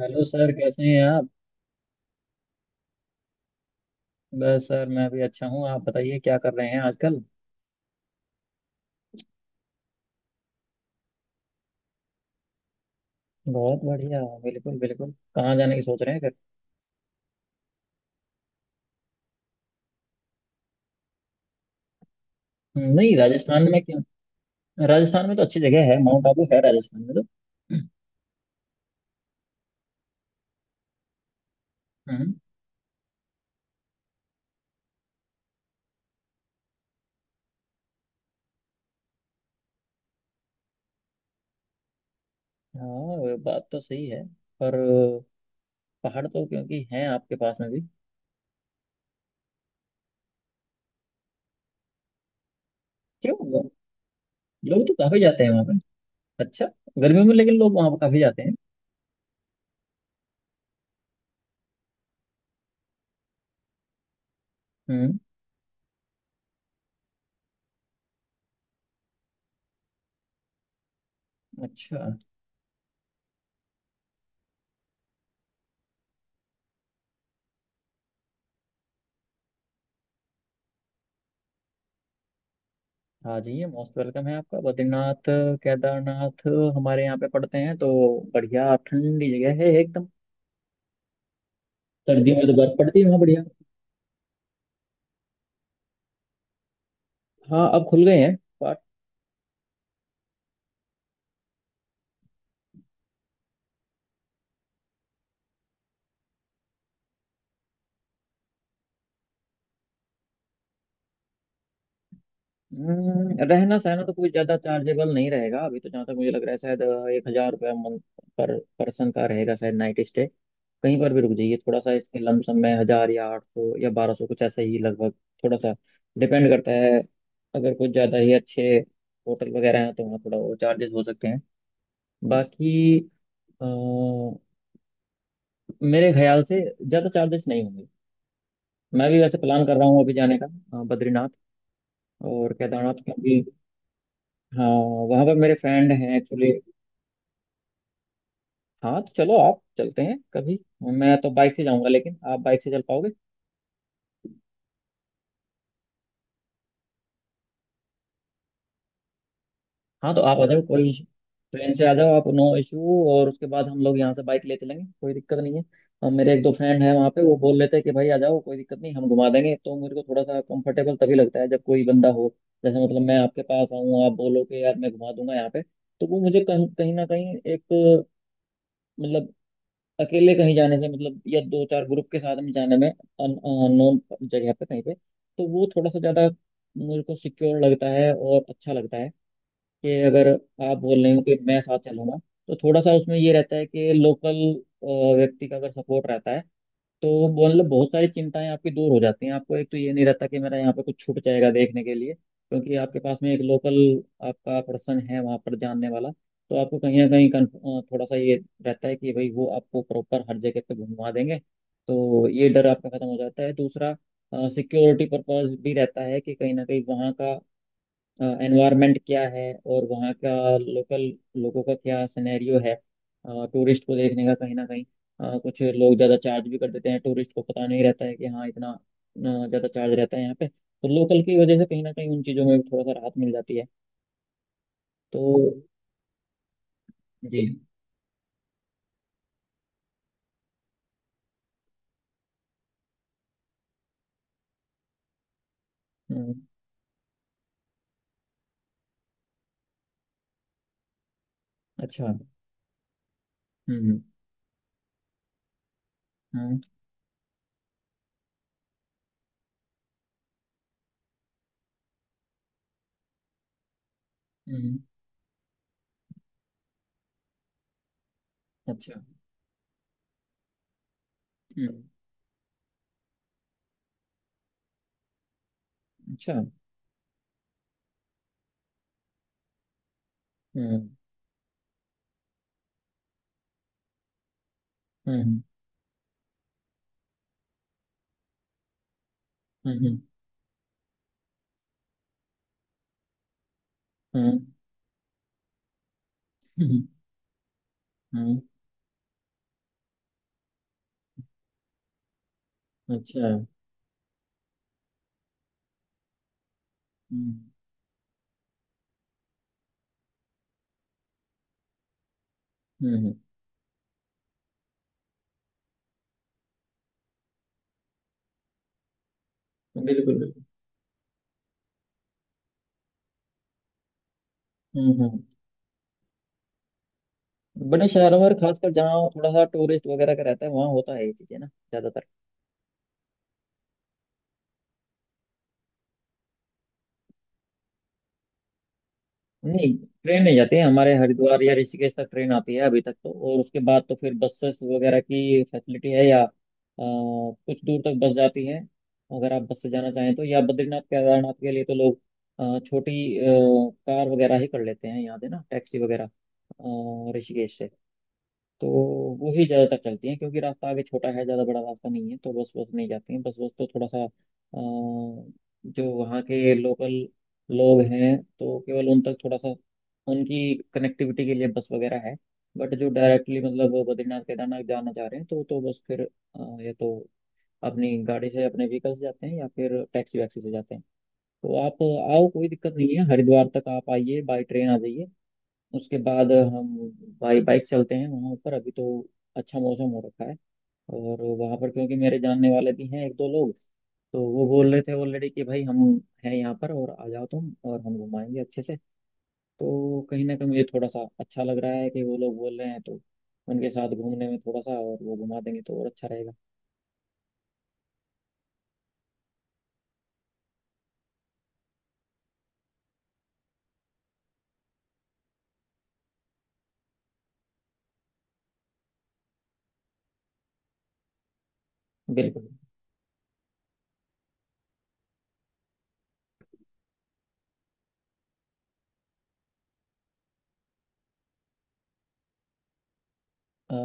Hello sir, कैसे हैं आप। बस सर, मैं भी अच्छा हूँ। आप बताइए क्या कर रहे हैं आजकल। बहुत बढ़िया, बिल्कुल बिल्कुल। कहाँ जाने की सोच रहे हैं फिर। हम्म। नहीं, राजस्थान में क्यों। राजस्थान में तो अच्छी जगह है, माउंट आबू है राजस्थान में तो। हम्म। हाँ, वो बात तो सही है। पर पहाड़ तो क्योंकि हैं आपके पास में भी। क्यों? लोग तो काफी जाते हैं वहाँ पे। अच्छा। गर्मियों में लेकिन लोग वहाँ पर काफी जाते हैं। हम्म। अच्छा। हाँ जी, ये मोस्ट वेलकम है आपका। बद्रीनाथ केदारनाथ हमारे यहाँ पे पड़ते हैं तो बढ़िया ठंडी जगह है एकदम। सर्दियों में तो बर्फ पड़ती है वहाँ बढ़िया। हाँ, अब खुल गए हैं पर। रहना सहना तो कोई ज्यादा चार्जेबल नहीं रहेगा, अभी तो जहाँ तक मुझे लग रहा है शायद एक हजार रुपया मंथ पर पर्सन का रहेगा शायद नाइट स्टे। कहीं पर भी रुक जाइए, थोड़ा सा इसके लमसम में 1,000 या 800 या 1,200 कुछ ऐसा ही लगभग। थोड़ा सा डिपेंड करता है। अगर कुछ ज्यादा ही अच्छे होटल वगैरह हैं तो वहाँ थोड़ा और चार्जेस हो सकते हैं। बाकी अ, मेरे ख्याल से ज़्यादा चार्जेस नहीं होंगे। मैं भी वैसे प्लान कर रहा हूँ अभी जाने का, बद्रीनाथ और केदारनाथ, क्योंकि हाँ वहाँ पर मेरे फ्रेंड हैं एक्चुअली। हाँ तो चलो, आप चलते हैं कभी। मैं तो बाइक से जाऊँगा, लेकिन आप बाइक से चल पाओगे। हाँ तो आप आ जाओ, कोई इशू। ट्रेन से आ जाओ आप, नो इशू। और उसके बाद हम लोग यहाँ से बाइक ले चलेंगे, कोई दिक्कत नहीं है। और मेरे एक दो फ्रेंड हैं वहाँ पे, वो बोल लेते हैं कि भाई आ जाओ कोई दिक्कत नहीं, हम घुमा देंगे। तो मेरे को थोड़ा सा कंफर्टेबल तभी लगता है जब कोई बंदा हो। जैसे मतलब मैं आपके पास आऊँ, आप बोलो कि यार मैं घुमा दूंगा यहाँ पे, तो वो मुझे कहीं कहीं ना कहीं एक मतलब, अकेले कहीं जाने से मतलब, या दो चार ग्रुप के साथ में जाने में अननोन जगह पे कहीं पे, तो वो थोड़ा सा ज़्यादा मेरे को सिक्योर लगता है और अच्छा लगता है। कि अगर आप बोल रहे हो कि मैं साथ चलूंगा तो थोड़ा सा उसमें ये रहता है कि लोकल व्यक्ति का अगर सपोर्ट रहता है तो वो मतलब बहुत सारी चिंताएं आपकी दूर हो जाती हैं। आपको एक तो ये नहीं रहता कि मेरा यहाँ पे कुछ छूट जाएगा देखने के लिए, क्योंकि आपके पास में एक लोकल आपका पर्सन है वहाँ पर जानने वाला। तो आपको कहीं ना कहीं थोड़ा सा ये रहता है कि भाई वो आपको प्रॉपर हर जगह पे घुमा देंगे। तो ये डर आपका खत्म हो जाता है। दूसरा, सिक्योरिटी पर्पज भी रहता है कि कहीं ना कहीं वहाँ का एनवायरनमेंट क्या है और वहाँ का लोकल लोगों का क्या सिनेरियो है टूरिस्ट को देखने का। कहीं ना कहीं कुछ लोग ज़्यादा चार्ज भी कर देते हैं, टूरिस्ट को पता नहीं रहता है कि हाँ इतना ज़्यादा चार्ज रहता है यहाँ पे। तो लोकल की वजह से कहीं ना कहीं उन चीज़ों में भी थोड़ा सा राहत मिल जाती है। तो। जी। हम्म। अच्छा। हम्म। हम्म। हम्म। हम्म। अच्छा। हम्म। अच्छा। हम्म। हम्म। हम्म। हम्म। हम्म। हम्म। हम्म। अच्छा। हम्म। हम्म। हम्म। बिल्कुल बिल्कुल। हम्म। हम्म। बड़े शहरों और खासकर जहाँ थोड़ा सा टूरिस्ट वगैरह का रहता है वहाँ होता है ये चीजें ना ज्यादातर। नहीं, ट्रेन नहीं जाती है। हमारे हरिद्वार या ऋषिकेश तक ट्रेन आती है अभी तक तो, और उसके बाद तो फिर बसेस वगैरह की फैसिलिटी है, या कुछ दूर तक बस जाती है अगर आप बस से जाना चाहें तो। या बद्रीनाथ केदारनाथ के लिए तो लोग छोटी कार वगैरह ही कर लेते हैं यहाँ से ना, टैक्सी वगैरह ऋषिकेश से। तो वो ही ज़्यादातर चलती हैं क्योंकि रास्ता आगे छोटा है, ज़्यादा बड़ा रास्ता नहीं है, तो बस, बस नहीं जाती हैं। बस, बस तो थोड़ा सा जो वहाँ के लोकल लोग हैं तो केवल उन तक थोड़ा सा उनकी कनेक्टिविटी के लिए बस वगैरह है। बट जो डायरेक्टली मतलब वो बद्रीनाथ केदारनाथ जाना चाह रहे हैं तो बस फिर या तो अपनी गाड़ी से, अपने व्हीकल से जाते हैं, या फिर टैक्सी वैक्सी से जाते हैं। तो आप आओ, कोई दिक्कत नहीं है। हरिद्वार तक आप आइए, बाई ट्रेन आ जाइए, उसके बाद हम बाइक बाइक चलते हैं वहाँ ऊपर। अभी तो अच्छा मौसम हो रखा है। और वहाँ पर क्योंकि मेरे जानने वाले भी हैं एक दो लोग, तो वो बोल रहे थे ऑलरेडी कि भाई हम हैं यहाँ पर और आ जाओ तुम और हम घुमाएंगे अच्छे से। तो कहीं ना कहीं मुझे थोड़ा सा अच्छा लग रहा है कि वो लोग बोल रहे हैं, तो उनके साथ घूमने में थोड़ा सा, और वो घुमा देंगे तो और अच्छा रहेगा। बिल्कुल। अ,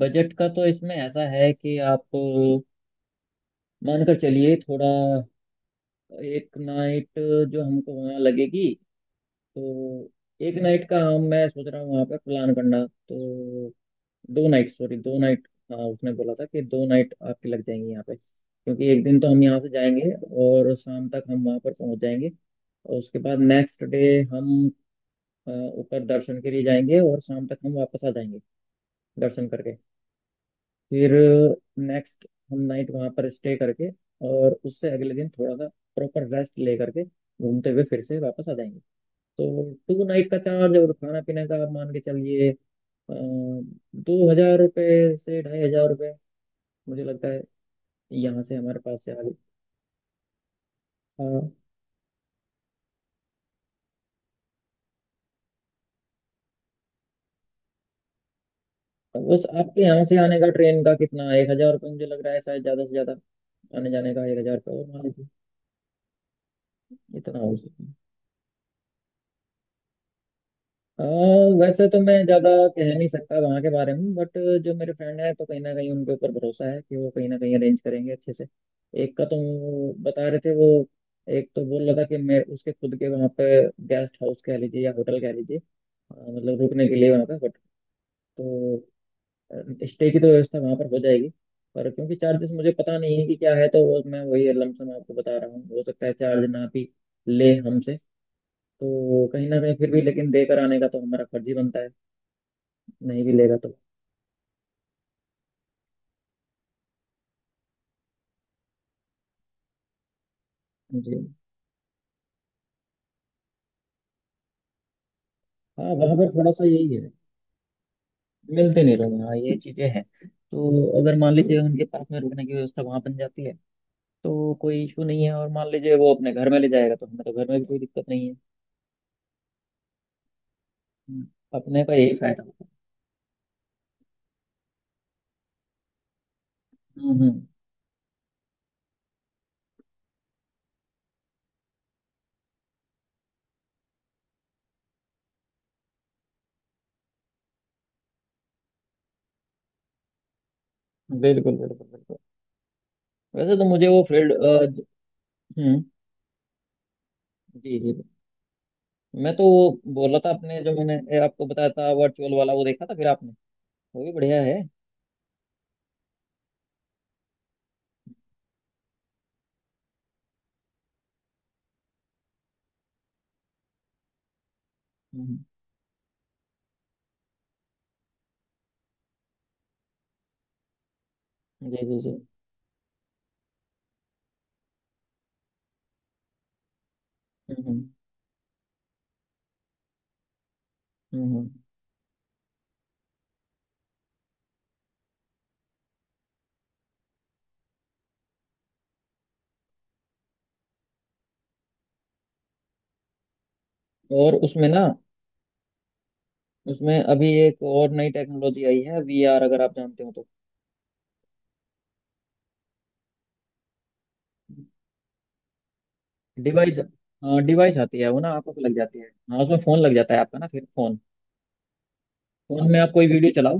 बजट का तो इसमें ऐसा है कि आप मानकर चलिए थोड़ा, एक नाइट जो हमको वहाँ लगेगी, तो एक नाइट का हम, मैं सोच रहा हूँ वहाँ पे प्लान करना, तो 2 नाइट, सॉरी, 2 नाइट। हाँ, उसने बोला था कि 2 नाइट आपकी लग जाएंगी यहाँ पे, क्योंकि एक दिन तो हम यहाँ से जाएंगे और शाम तक हम वहाँ पर पहुँच जाएंगे, और उसके बाद नेक्स्ट डे हम अ, ऊपर दर्शन के लिए जाएंगे और शाम तक हम वापस आ जाएंगे दर्शन करके। फिर नेक्स्ट हम नाइट वहां पर स्टे करके, और उससे अगले दिन थोड़ा सा प्रॉपर रेस्ट ले करके घूमते हुए फिर से वापस आ जाएंगे। तो 2 नाइट का चार्ज और खाना पीने का आप मान के चलिए 2,000 रुपये से 2,500 रुपये मुझे लगता है, यहाँ से हमारे पास से आगे। हाँ तो बस आपके यहाँ से आने का ट्रेन का कितना, 1,000 रुपये मुझे लग रहा है शायद ज्यादा से ज्यादा, आने जाने का 1,000 रुपये और मान लीजिए। इतना हो सकता है। अ, वैसे तो मैं ज्यादा कह नहीं सकता वहाँ के बारे में, बट जो मेरे फ्रेंड है तो कहीं ना कहीं उनके ऊपर भरोसा है कि वो कहीं ना कहीं अरेंज करेंगे अच्छे से। एक का तो वो बता रहे थे, वो एक तो बोल रहा था कि मैं उसके खुद के वहाँ पे गेस्ट हाउस कह लीजिए या होटल कह लीजिए, मतलब रुकने के लिए वहाँ पे बट। तो स्टे की तो व्यवस्था वहाँ पर हो जाएगी। पर क्योंकि चार्जेस मुझे पता नहीं है कि क्या है तो वो मैं वही लमसम आपको बता रहा हूँ, हो सकता है चार्ज ना भी ले हमसे, तो कहीं ना कहीं फिर भी, लेकिन देकर आने का तो हमारा फर्ज ही बनता है। नहीं भी लेगा तो। जी। हाँ वहाँ पर थोड़ा सा यही है, मिलते नहीं लोग। हाँ ये चीजें हैं, तो अगर मान लीजिए उनके पास में रुकने की व्यवस्था वहाँ बन जाती है तो कोई इशू नहीं है। और मान लीजिए वो अपने घर में ले जाएगा तो हमें तो घर में भी कोई दिक्कत नहीं है। हम्म। अपने का यही फायदा होता है। हम्म। हम्म। बिल्कुल बिल्कुल बिल्कुल। वैसे तो मुझे वो फील्ड। हम्म। जी जी। मैं तो वो बोला था आपने, जो मैंने आपको बताया था वर्चुअल वाला वो देखा था फिर आपने, वो भी बढ़िया है। हम्म। जी जी जी। हम्म। हम्म। हम्म। हम्म। और उसमें ना, उसमें अभी एक और नई टेक्नोलॉजी आई है VR, अगर आप जानते हो तो। डिवाइस। हाँ, डिवाइस आती है वो ना, आपको लग जाती है। हाँ, उसमें फोन लग जाता है आपका ना, फिर फोन, फोन में आप कोई वीडियो चलाओ।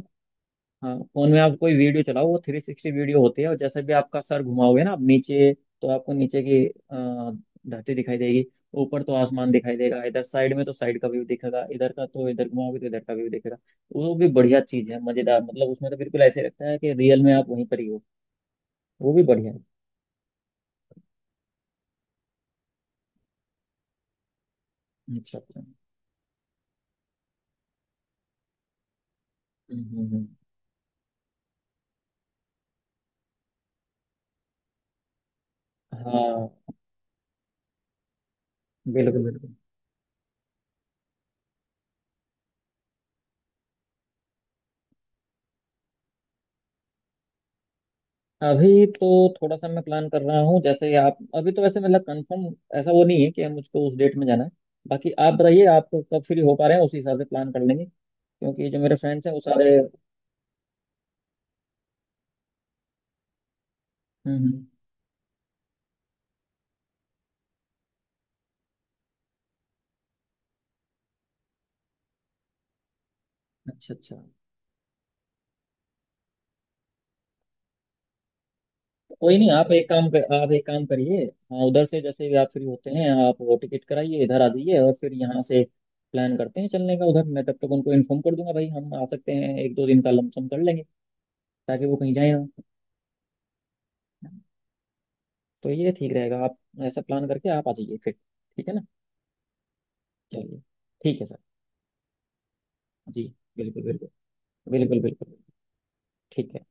हाँ, फोन में आप कोई वीडियो चलाओ, वो 360 वीडियो होती है, और जैसे भी आपका सर घुमाओगे ना आप नीचे तो आपको नीचे की धरती दिखाई देगी, ऊपर तो आसमान दिखाई देगा, इधर साइड में तो साइड का व्यू दिखेगा, इधर का तो इधर घुमाओगे तो इधर का व्यू दिखेगा। वो भी बढ़िया चीज है, मजेदार, मतलब उसमें तो बिल्कुल ऐसे लगता है कि रियल में आप वहीं पर ही हो। वो भी बढ़िया है। अच्छा अच्छा। हम्म। हम्म। हम्म। हाँ। बिल्कुल बिल्कुल। अभी तो थोड़ा सा मैं प्लान कर रहा हूँ। जैसे ही आप, अभी तो वैसे मतलब कंफर्म ऐसा वो नहीं है कि मुझको उस डेट में जाना है। बाकी आप बताइए आप कब फ्री हो पा रहे हैं, उसी हिसाब से प्लान कर लेंगे क्योंकि जो मेरे फ्रेंड्स हैं वो सारे। हम्म। हम्म। अच्छा अच्छा। तो कोई नहीं, आप एक काम कर, आप एक काम करिए, हाँ उधर से जैसे भी आप फ्री होते हैं आप वो टिकट कराइए, इधर आ जाइए और फिर यहाँ से प्लान करते हैं चलने का। उधर मैं तब तक उनको इन्फॉर्म कर दूंगा भाई हम आ सकते हैं, एक दो दिन का लमसम कर लेंगे ताकि वो कहीं जाए ना। तो ये ठीक रहेगा, आप ऐसा प्लान करके आप आ जाइए फिर। ठीक है ना, चलिए। ठीक है सर। जी। बिल्कुल बिल्कुल। बिल्कुल बिल्कुल। ठीक है।